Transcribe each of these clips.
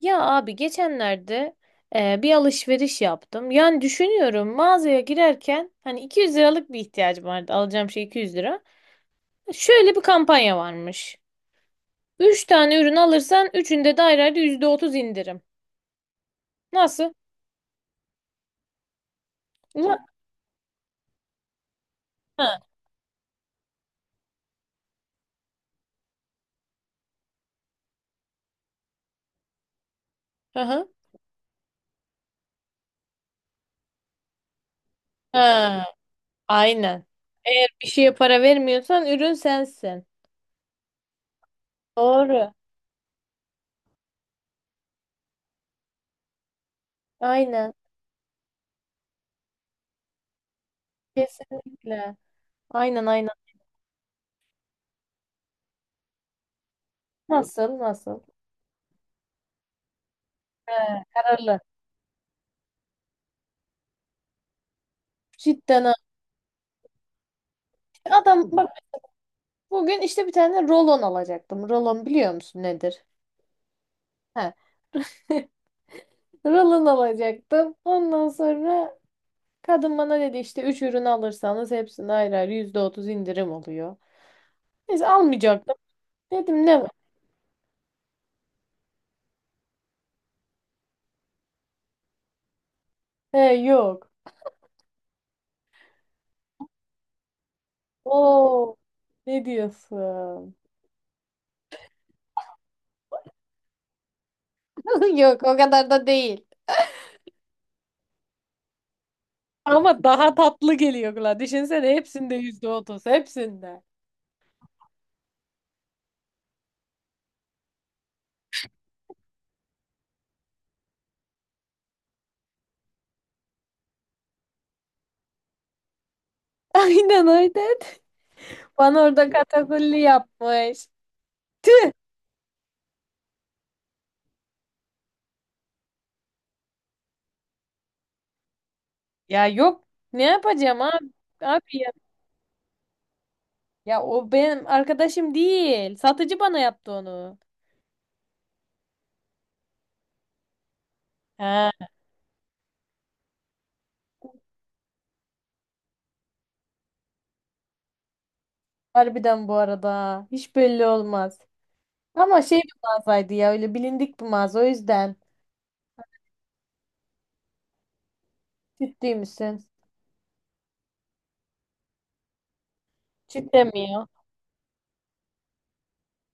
Ya abi geçenlerde bir alışveriş yaptım. Yani düşünüyorum mağazaya girerken hani 200 liralık bir ihtiyacım vardı. Alacağım şey 200 lira. Şöyle bir kampanya varmış. 3 tane ürün alırsan üçünde de ayrı ayrı %30 indirim. Nasıl? Ula- Ha. Hı hı. Ha, aynen. Eğer bir şeye para vermiyorsan ürün sensin. Doğru. Aynen. Kesinlikle. Aynen. Nasıl? Nasıl? He, kararlı. Cidden ha. Adam bak. Bugün işte bir tane rolon alacaktım. Rolon biliyor musun nedir? He. Rolon alacaktım. Ondan sonra kadın bana dedi işte 3 ürün alırsanız hepsini ayrı ayrı %30 indirim oluyor. Neyse almayacaktım. Dedim ne var? He yok. Oo, ne diyorsun? Yok o kadar da değil. Ama daha tatlı geliyor kulağa. Düşünsene hepsinde yüzde otuz, hepsinde. Aynen öyle. Bana orada katakulli yapmış. Ya yok, ne yapacağım abi, abi ya. Ya o benim arkadaşım değil. Satıcı bana yaptı onu. He. Harbiden bu arada. Hiç belli olmaz. Ama şey, bir mağazaydı ya, öyle bilindik bir mağaza, o yüzden. Ciddi misin? Ciddi mi?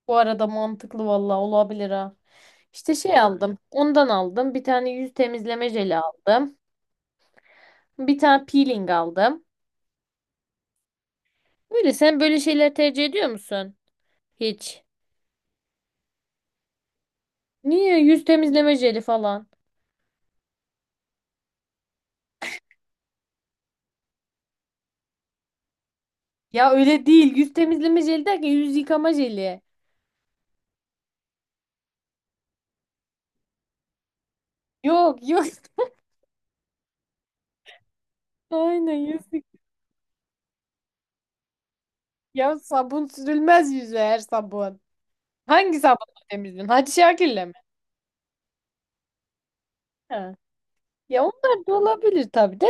Bu arada mantıklı valla, olabilir ha. İşte şey aldım. Ondan aldım. Bir tane yüz temizleme jeli aldım. Bir tane peeling aldım. Böyle sen böyle şeyler tercih ediyor musun? Hiç. Niye? Yüz temizleme jeli falan. Ya öyle değil. Yüz temizleme jeli derken yüz yıkama jeli. Yok yok. Aynen yüz yık- Ya sabun sürülmez yüze her sabun. Hangi sabunla temizliyorsun? Hacı Şakir'le mi? Ha. Ya onlar da olabilir tabii de.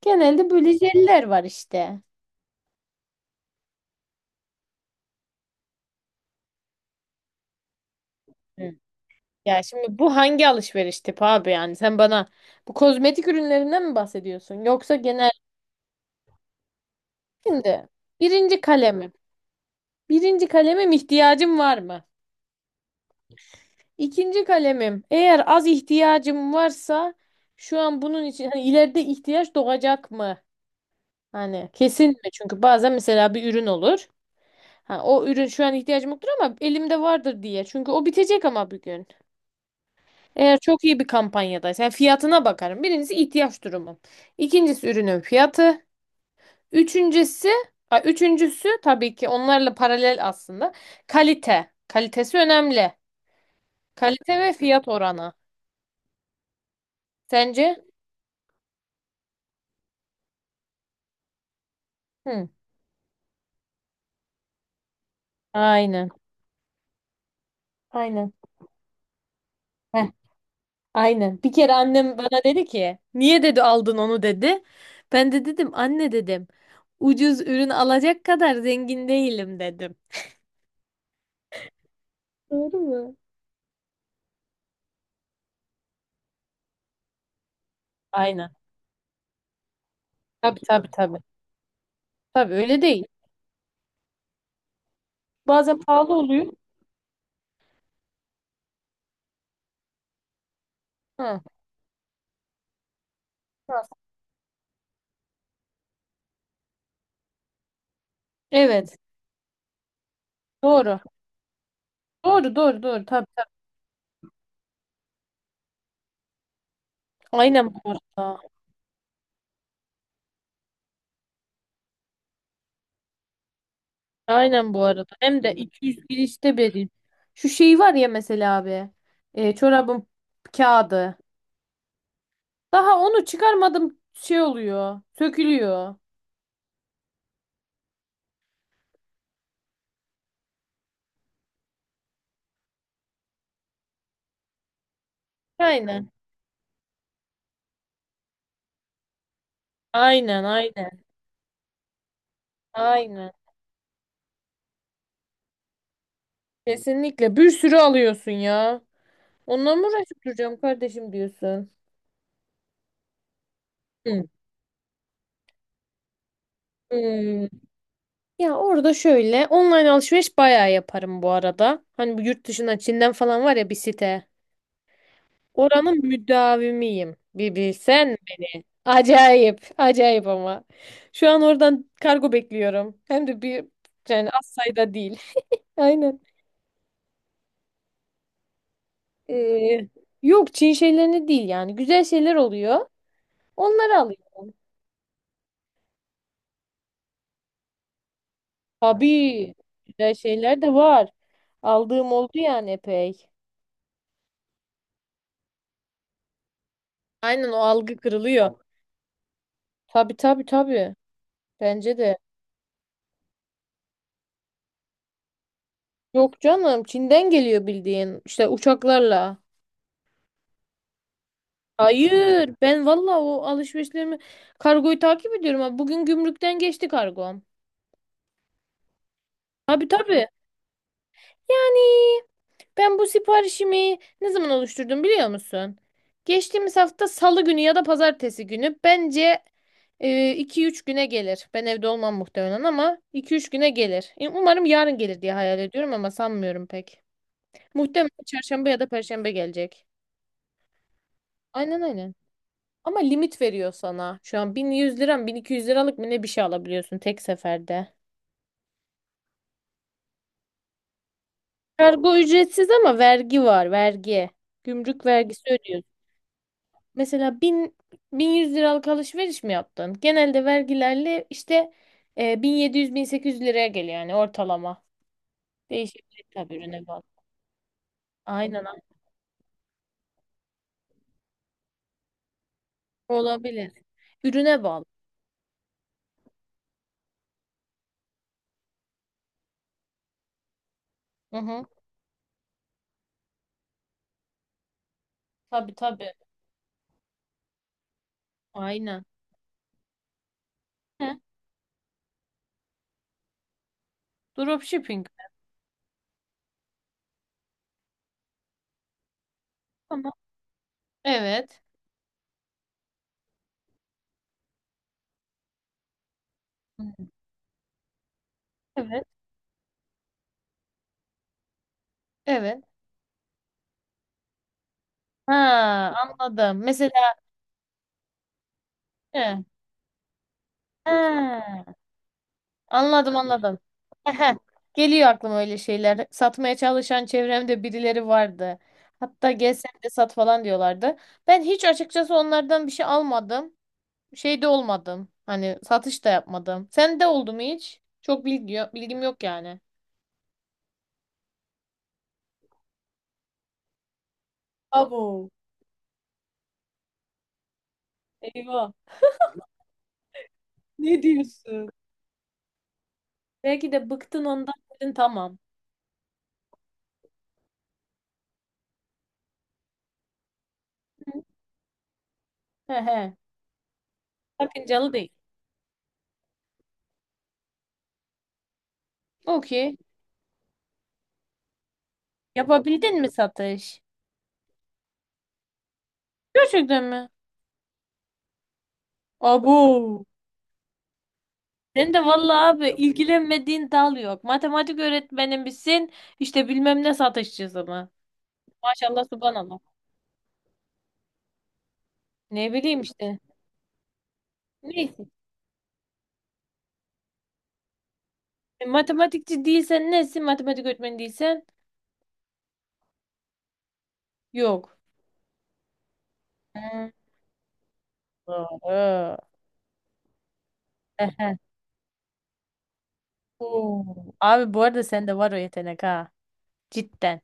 Genelde böyle jeller var işte. Hı. Ya şimdi bu hangi alışveriş tipi abi yani? Sen bana bu kozmetik ürünlerinden mi bahsediyorsun? Yoksa genel... Şimdi birinci kalemim. Birinci kalemim, ihtiyacım var mı? İkinci kalemim. Eğer az ihtiyacım varsa şu an bunun için hani ileride ihtiyaç doğacak mı? Hani kesin mi? Çünkü bazen mesela bir ürün olur. Ha, o ürün şu an ihtiyacım yoktur ama elimde vardır diye. Çünkü o bitecek ama bir gün. Eğer çok iyi bir kampanyadaysa yani fiyatına bakarım. Birincisi ihtiyaç durumum. İkincisi ürünün fiyatı. Üçüncüsü, üçüncüsü tabii ki onlarla paralel aslında. Kalite. Kalitesi önemli. Kalite ve fiyat oranı. Sence? Hı. Aynen. Aynen. Heh, aynen. Bir kere annem bana dedi ki, niye dedi aldın onu dedi. Ben de dedim anne dedim. Ucuz ürün alacak kadar zengin değilim dedim. Doğru mu? Aynen. Tabii. Tabii öyle değil. Bazen pahalı oluyor. Hı. Evet. Doğru. Doğru. Tabii tabii. Aynen bu arada. Aynen bu arada. Hem de 200 girişte vereyim. Şu şey var ya mesela abi. Çorabın kağıdı. Daha onu çıkarmadım, şey oluyor. Sökülüyor. Aynen. Aynen aynen. Aynen. Kesinlikle bir sürü alıyorsun ya. Onunla mı uğraşıp duracağım kardeşim diyorsun. Hı. Hmm. Ya orada şöyle, online alışveriş bayağı yaparım bu arada. Hani bu yurt dışına, Çin'den falan var ya bir site. Oranın müdavimiyim. Bir bilsen. Acayip. Acayip ama. Şu an oradan kargo bekliyorum. Hem de bir, yani az sayıda değil. Aynen. Ee, yok Çin şeylerini değil yani. Güzel şeyler oluyor. Onları alıyorum. Tabii. Güzel şeyler de var. Aldığım oldu yani epey. Aynen, o algı kırılıyor. Tabii. Bence de. Yok canım, Çin'den geliyor bildiğin. İşte uçaklarla. Hayır, ben valla o alışverişlerimi, kargoyu takip ediyorum. Ha. Bugün gümrükten geçti kargom. Tabii tabii. Yani ben bu siparişimi ne zaman oluşturdum biliyor musun? Geçtiğimiz hafta Salı günü ya da Pazartesi günü. Bence 2-3 güne gelir. Ben evde olmam muhtemelen ama 2-3 güne gelir. Umarım yarın gelir diye hayal ediyorum ama sanmıyorum pek. Muhtemelen Çarşamba ya da Perşembe gelecek. Aynen aynen. Ama limit veriyor sana. Şu an 1100 liram, 1200 liralık mı ne bir şey alabiliyorsun tek seferde. Kargo ücretsiz ama vergi var, vergi. Gümrük vergisi ödüyorsun. Mesela bin, 1100 liralık alışveriş mi yaptın? Genelde vergilerle işte 1700-1800 liraya geliyor yani ortalama. Değişebilir tabii, ürüne bağlı. Aynen aynen. Olabilir. Ürüne bağlı. Hı hı. Tabii tabii. Aynen. He, Dropshipping. Ama evet. Hı. Evet. Evet. Ha, anladım. Mesela he. Ha. Anladım anladım. Ehe, geliyor aklıma öyle şeyler. Satmaya çalışan çevremde birileri vardı. Hatta gel sen de sat falan diyorlardı. Ben hiç açıkçası onlardan bir şey almadım. Şey de olmadım. Hani satış da yapmadım. Sen de oldu mu hiç? Çok bilgi yok, bilgim yok yani. Abo. Eyvah. Ne diyorsun? Belki de bıktın ondan dedin tamam. He he. Sakıncalı değil. Okey. Yapabildin mi satış? Gerçekten mi? Abo. Sen de vallahi abi, ilgilenmediğin dal yok. Matematik öğretmeni misin? İşte bilmem ne satışçısı mı? Maşallah, subhanallah. Ne bileyim işte. Neyse. Matematikçi değilsen nesin? Matematik öğretmeni değilsen yok. Hmm, doğru. Ehe. Oo. Abi bu arada sende var o yetenek ha. Cidden.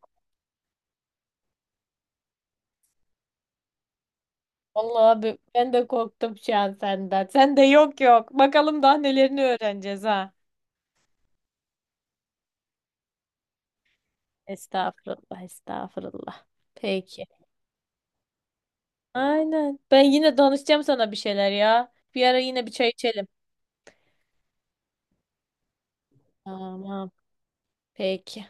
Vallahi abi ben de korktum şu an senden. Sen de yok yok. Bakalım daha nelerini öğreneceğiz ha. Estağfurullah, estağfurullah. Peki. Aynen. Ben yine danışacağım sana bir şeyler ya. Bir ara yine bir çay içelim. Tamam. Peki.